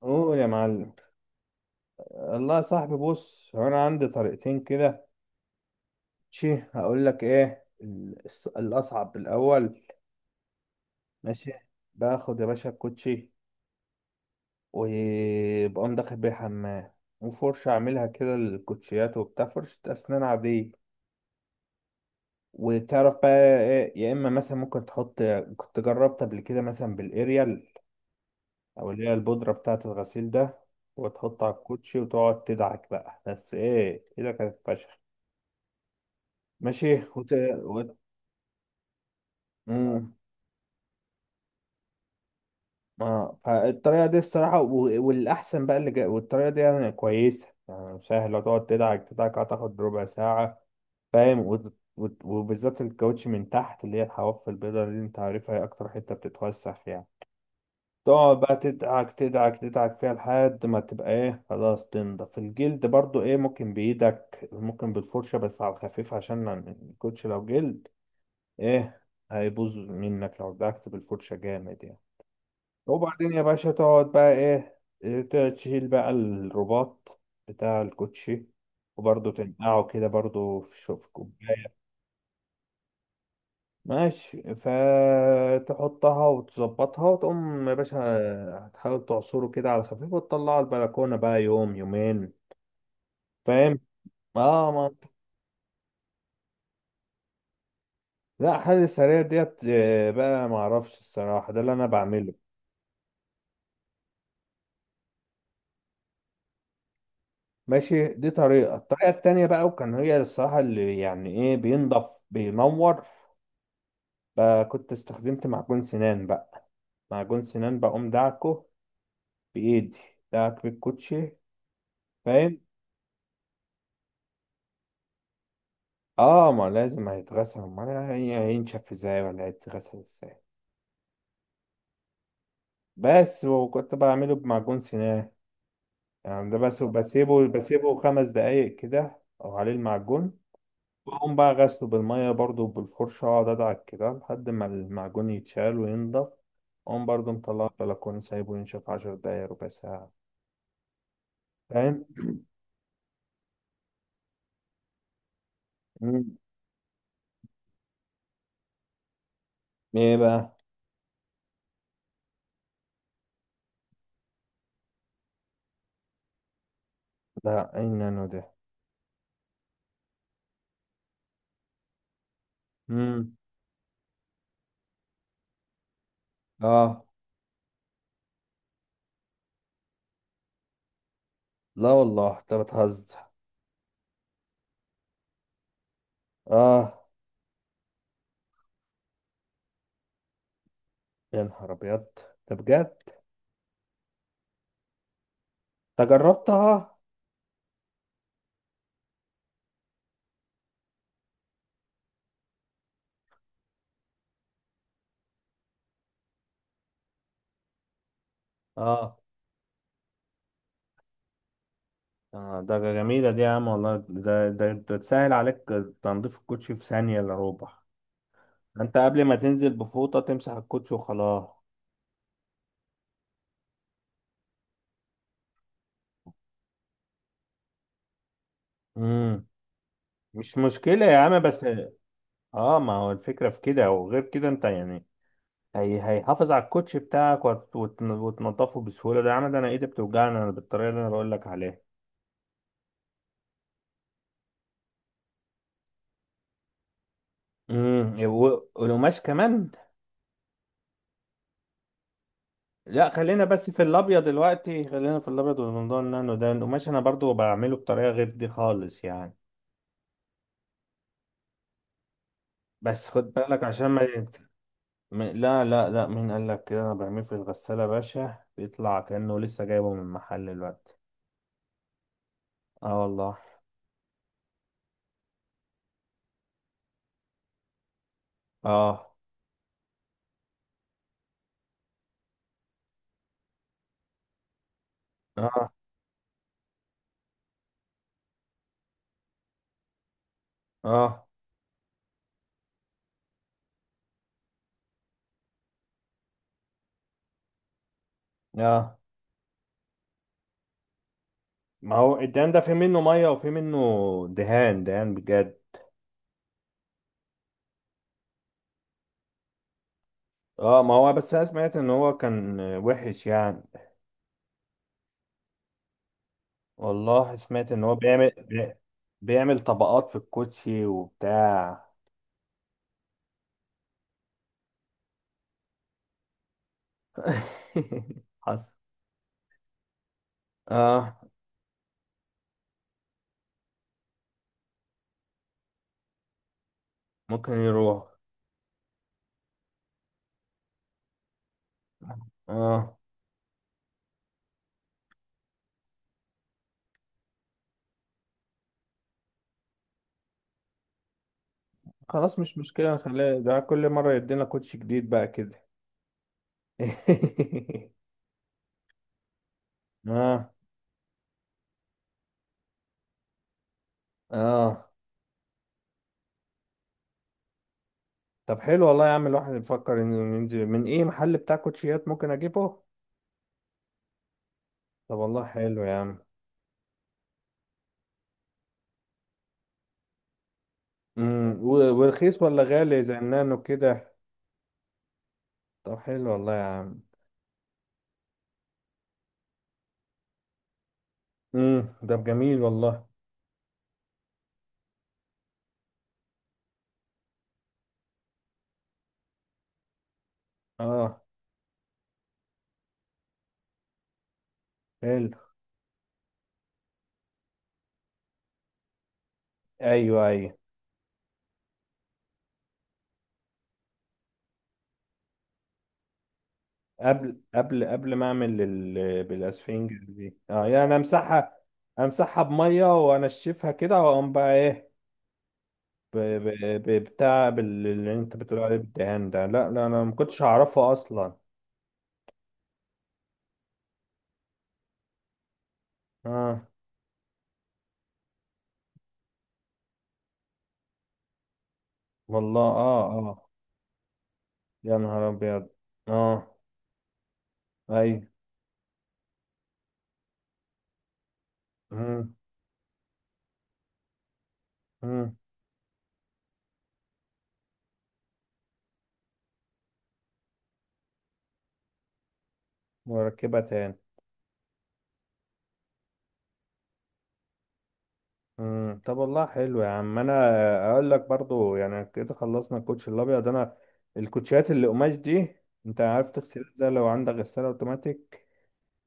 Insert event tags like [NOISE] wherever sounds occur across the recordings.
قول يا معلم. الله يا صاحبي، بص هو انا عندي طريقتين كده. ماشي، هقول لك ايه الاصعب الاول. ماشي، باخد يا باشا الكوتشي وبقوم داخل بيه حمام، وفرشة اعملها كده للكوتشيات وبتاع، فرشة اسنان عادية. وتعرف بقى ايه، يا اما مثلا ممكن تحط، كنت جربت قبل كده مثلا بالاريال او اللي هي البودرة بتاعة الغسيل ده، وتحط على الكوتشي وتقعد تدعك بقى، بس ايه كده كانت فشخ. ماشي. وت... امم اه، فالطريقه دي الصراحه والاحسن بقى والطريقه دي يعني كويسه، يعني سهله، تقعد تدعك تدعك، هتاخد ربع ساعه. فاهم؟ وبالذات الكاوتش من تحت اللي هي الحواف البيضاء دي، انت عارفها، هي اكتر حته بتتوسخ يعني. تقعد بقى تدعك تدعك تدعك فيها لحد ما تبقى ايه خلاص تنضف. الجلد برضو ايه، ممكن بايدك ممكن بالفرشه بس على الخفيف، عشان الكوتش لو جلد ايه هيبوظ منك لو دعكت بالفرشه جامد يعني. وبعدين يا باشا تقعد بقى ايه، تشيل بقى الرباط بتاع الكوتشي وبرضه تنقعه كده برضه في في كوباية. ماشي، فتحطها وتظبطها وتقوم يا باشا هتحاول تعصره كده على خفيف وتطلعه البلكونة بقى يوم يومين. فاهم؟ اه، ما أنت- لا، حل سريع ديت آه، بقى معرفش الصراحة، ده اللي انا بعمله. ماشي، دي طريقة. الطريقة التانية بقى وكان هي الصراحة اللي يعني ايه بينضف بينور، بقى كنت استخدمت معجون سنان. بقى معجون سنان بقوم دعكه بإيدي، دعك بالكوتشي. فاهم؟ اه، ما لازم هيتغسل، ما أنا هينشف ازاي ولا هيتغسل ازاي. بس. وكنت بعمله بمعجون سنان يعني ده بس، بسيبه خمس دقايق كده او عليه المعجون. بقوم بقى غسله بالمية برضو بالفرشة، اقعد ادعك كده لحد ما المعجون يتشال وينضف. اقوم برضو مطلعه البلكونة سايبه ينشف عشر دقايق ربع ساعة. فاهم؟ مم. ايه بقى؟ لا، اي نانو دي؟ امم، اه. لا والله، انت بتهزر. اه، يا نهار ابيض، ده بجد؟ ده جربتها. اه آه، ده جميلة دي يا عم والله، ده ده ده تسهل عليك تنظيف الكوتشي في ثانية إلا ربع. انت قبل ما تنزل بفوطة تمسح الكوتشي وخلاص. امم، مش مشكلة يا عم بس، اه ما هو الفكرة في كده، وغير كده انت يعني هي هيحافظ على الكوتشي بتاعك وتنضفه بسهولة. ده يا عم ده انا ايدي بتوجعني انا بالطريقة اللي انا بقول لك عليها. امم، والقماش كمان. لا، خلينا بس في الابيض دلوقتي، خلينا في الابيض. والموضوع النانو ده، القماش انا برضو بعمله بطريقه غير دي خالص يعني. بس خد بالك عشان ما لا لا لا، مين قال لك كده؟ انا بعمله في الغساله يا باشا بيطلع كانه لسه جايبه من المحل دلوقتي. اه والله. اه اه، اه اه، ما هو الدهان ده في منه ميه وفي منه دهان دهان بجد. اه، ما هو بس انا سمعت ان هو كان وحش يعني. والله سمعت ان هو بيعمل طبقات في الكوتشي وبتاع. [LAUGHS] حصل. اه، ممكن يروح. اه، خلاص مش مشكلة نخليه ده كل مرة يدينا كوتشي جديد بقى كده. [LAUGHS] اه. اه، طب حلو والله يا عم، الواحد يفكر انه ينزل من ايه محل بتاع كوتشيات ممكن اجيبه. طب والله حلو يا عم. امم، ورخيص ولا غالي زي النانو كده؟ طب حلو والله يا عم. امم، ده جميل والله. اه، حلو. ايوه ايوه، قبل قبل قبل ما اعمل بالاسفنج دي، اه يعني امسحها؟ امسحها بميه وانشفها كده، واقوم بقى ايه بتاع اللي انت بتقول عليه بالدهان ده. لا لا، انا ما كنتش اعرفه اصلا. اه والله. اه اه، يا نهار ابيض. اه. ايوه. امم. امم، واركبها تاني. امم، طب والله حلو يا عم. انا اقول لك برضو يعني كده خلصنا الكوتش الابيض. انا الكوتشيات اللي قماش دي، انت عارف تغسلها ازاي لو عندك غساله اوتوماتيك؟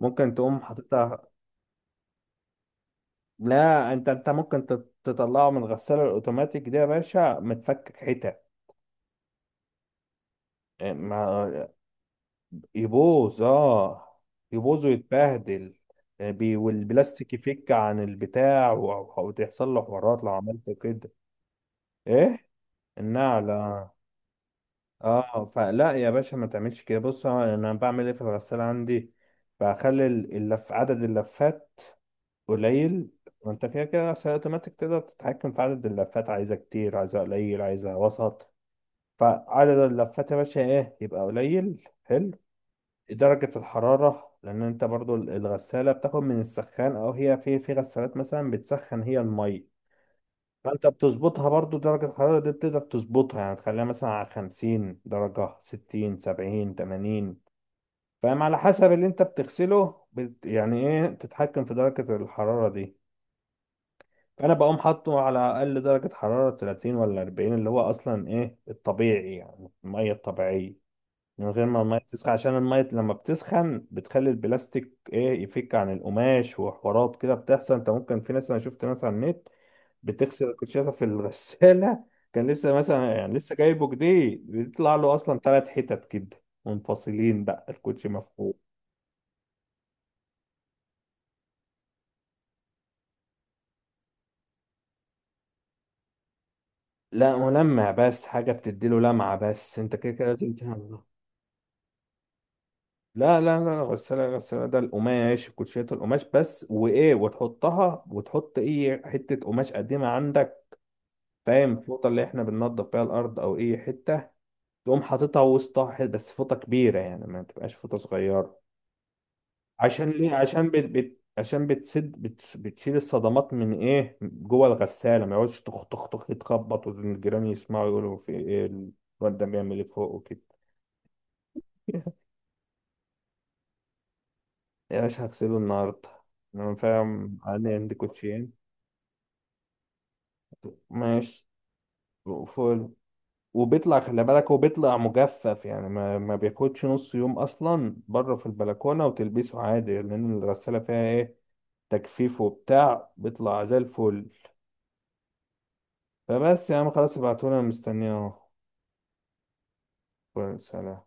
ممكن تقوم حاططها. لا، انت انت ممكن تطلعه من الغساله الاوتوماتيك دي يا باشا متفكك حتت. إيه، ما يبوظ. اه، يبوظ ويتبهدل. إيه، والبلاستيك يفك عن البتاع وتحصل له حوارات لو عملت كده. ايه، النعل. اه، فلا يا باشا ما تعملش كده. بص انا بعمل ايه في الغسالة عندي، بخلي اللف، عدد اللفات قليل. وانت كده كده غسالة اوتوماتيك تقدر تتحكم في عدد اللفات، عايزة كتير عايزة قليل عايزة وسط. فعدد اللفات يا باشا ايه يبقى قليل، حلو. درجة الحرارة، لأن أنت برضو الغسالة بتاخد من السخان، أو هي في غسالات مثلا بتسخن هي المية. فانت بتظبطها برضو درجة الحرارة دي، بتقدر تظبطها يعني تخليها مثلا على 50 درجة، 60، 70، 80. فاهم؟ على حسب اللي انت بتغسله بت يعني ايه تتحكم في درجة الحرارة دي. فانا بقوم حاطه على اقل درجة حرارة، 30 ولا 40، اللي هو اصلا ايه الطبيعي يعني، المية الطبيعية من غير ما المية تسخن. عشان المية لما بتسخن بتخلي البلاستيك ايه يفك عن القماش وحوارات كده بتحصل. انت ممكن، في ناس انا شفت ناس على النت بتغسل الكوتشيه في الغسالة [LAUGHS] كان لسه مثلا يعني لسه جايبه جديد، بيطلع له اصلا ثلاث حتت كده منفصلين، بقى الكوتشي مفقود. لا ملمع بس، حاجة بتديله لمعة بس، انت كده كده لازم تعمل. لا لا لا لا، غسالة غسالة ده القماش، كوتشيات القماش بس. وإيه، وتحطها وتحط أي حتة قماش قديمة عندك، فاهم؟ الفوطة اللي احنا بننضف بيها الأرض أو أي حتة، تقوم حاططها وسطها بس فوطة كبيرة يعني ما تبقاش فوطة صغيرة. عشان ليه؟ عشان عشان بتسد بتشيل الصدمات من إيه جوه الغسالة، ما يقعدش تخ تخ تخ يتخبط والجيران يسمعوا يقولوا في إيه الواد ده بيعمل إيه فوق وكده. [LAUGHS] يا باشا هغسله النهاردة. أنا فاهم، أنا عندي كوتشين. ماشي. وفوق. وبيطلع، خلي بالك هو بيطلع مجفف يعني، ما بياخدش نص يوم اصلا بره في البلكونه وتلبسه عادي، لان الغساله فيها ايه تجفيف وبتاع، بيطلع زي الفل. فبس يا عم خلاص، ابعتولي انا مستنيه اهو. سلام.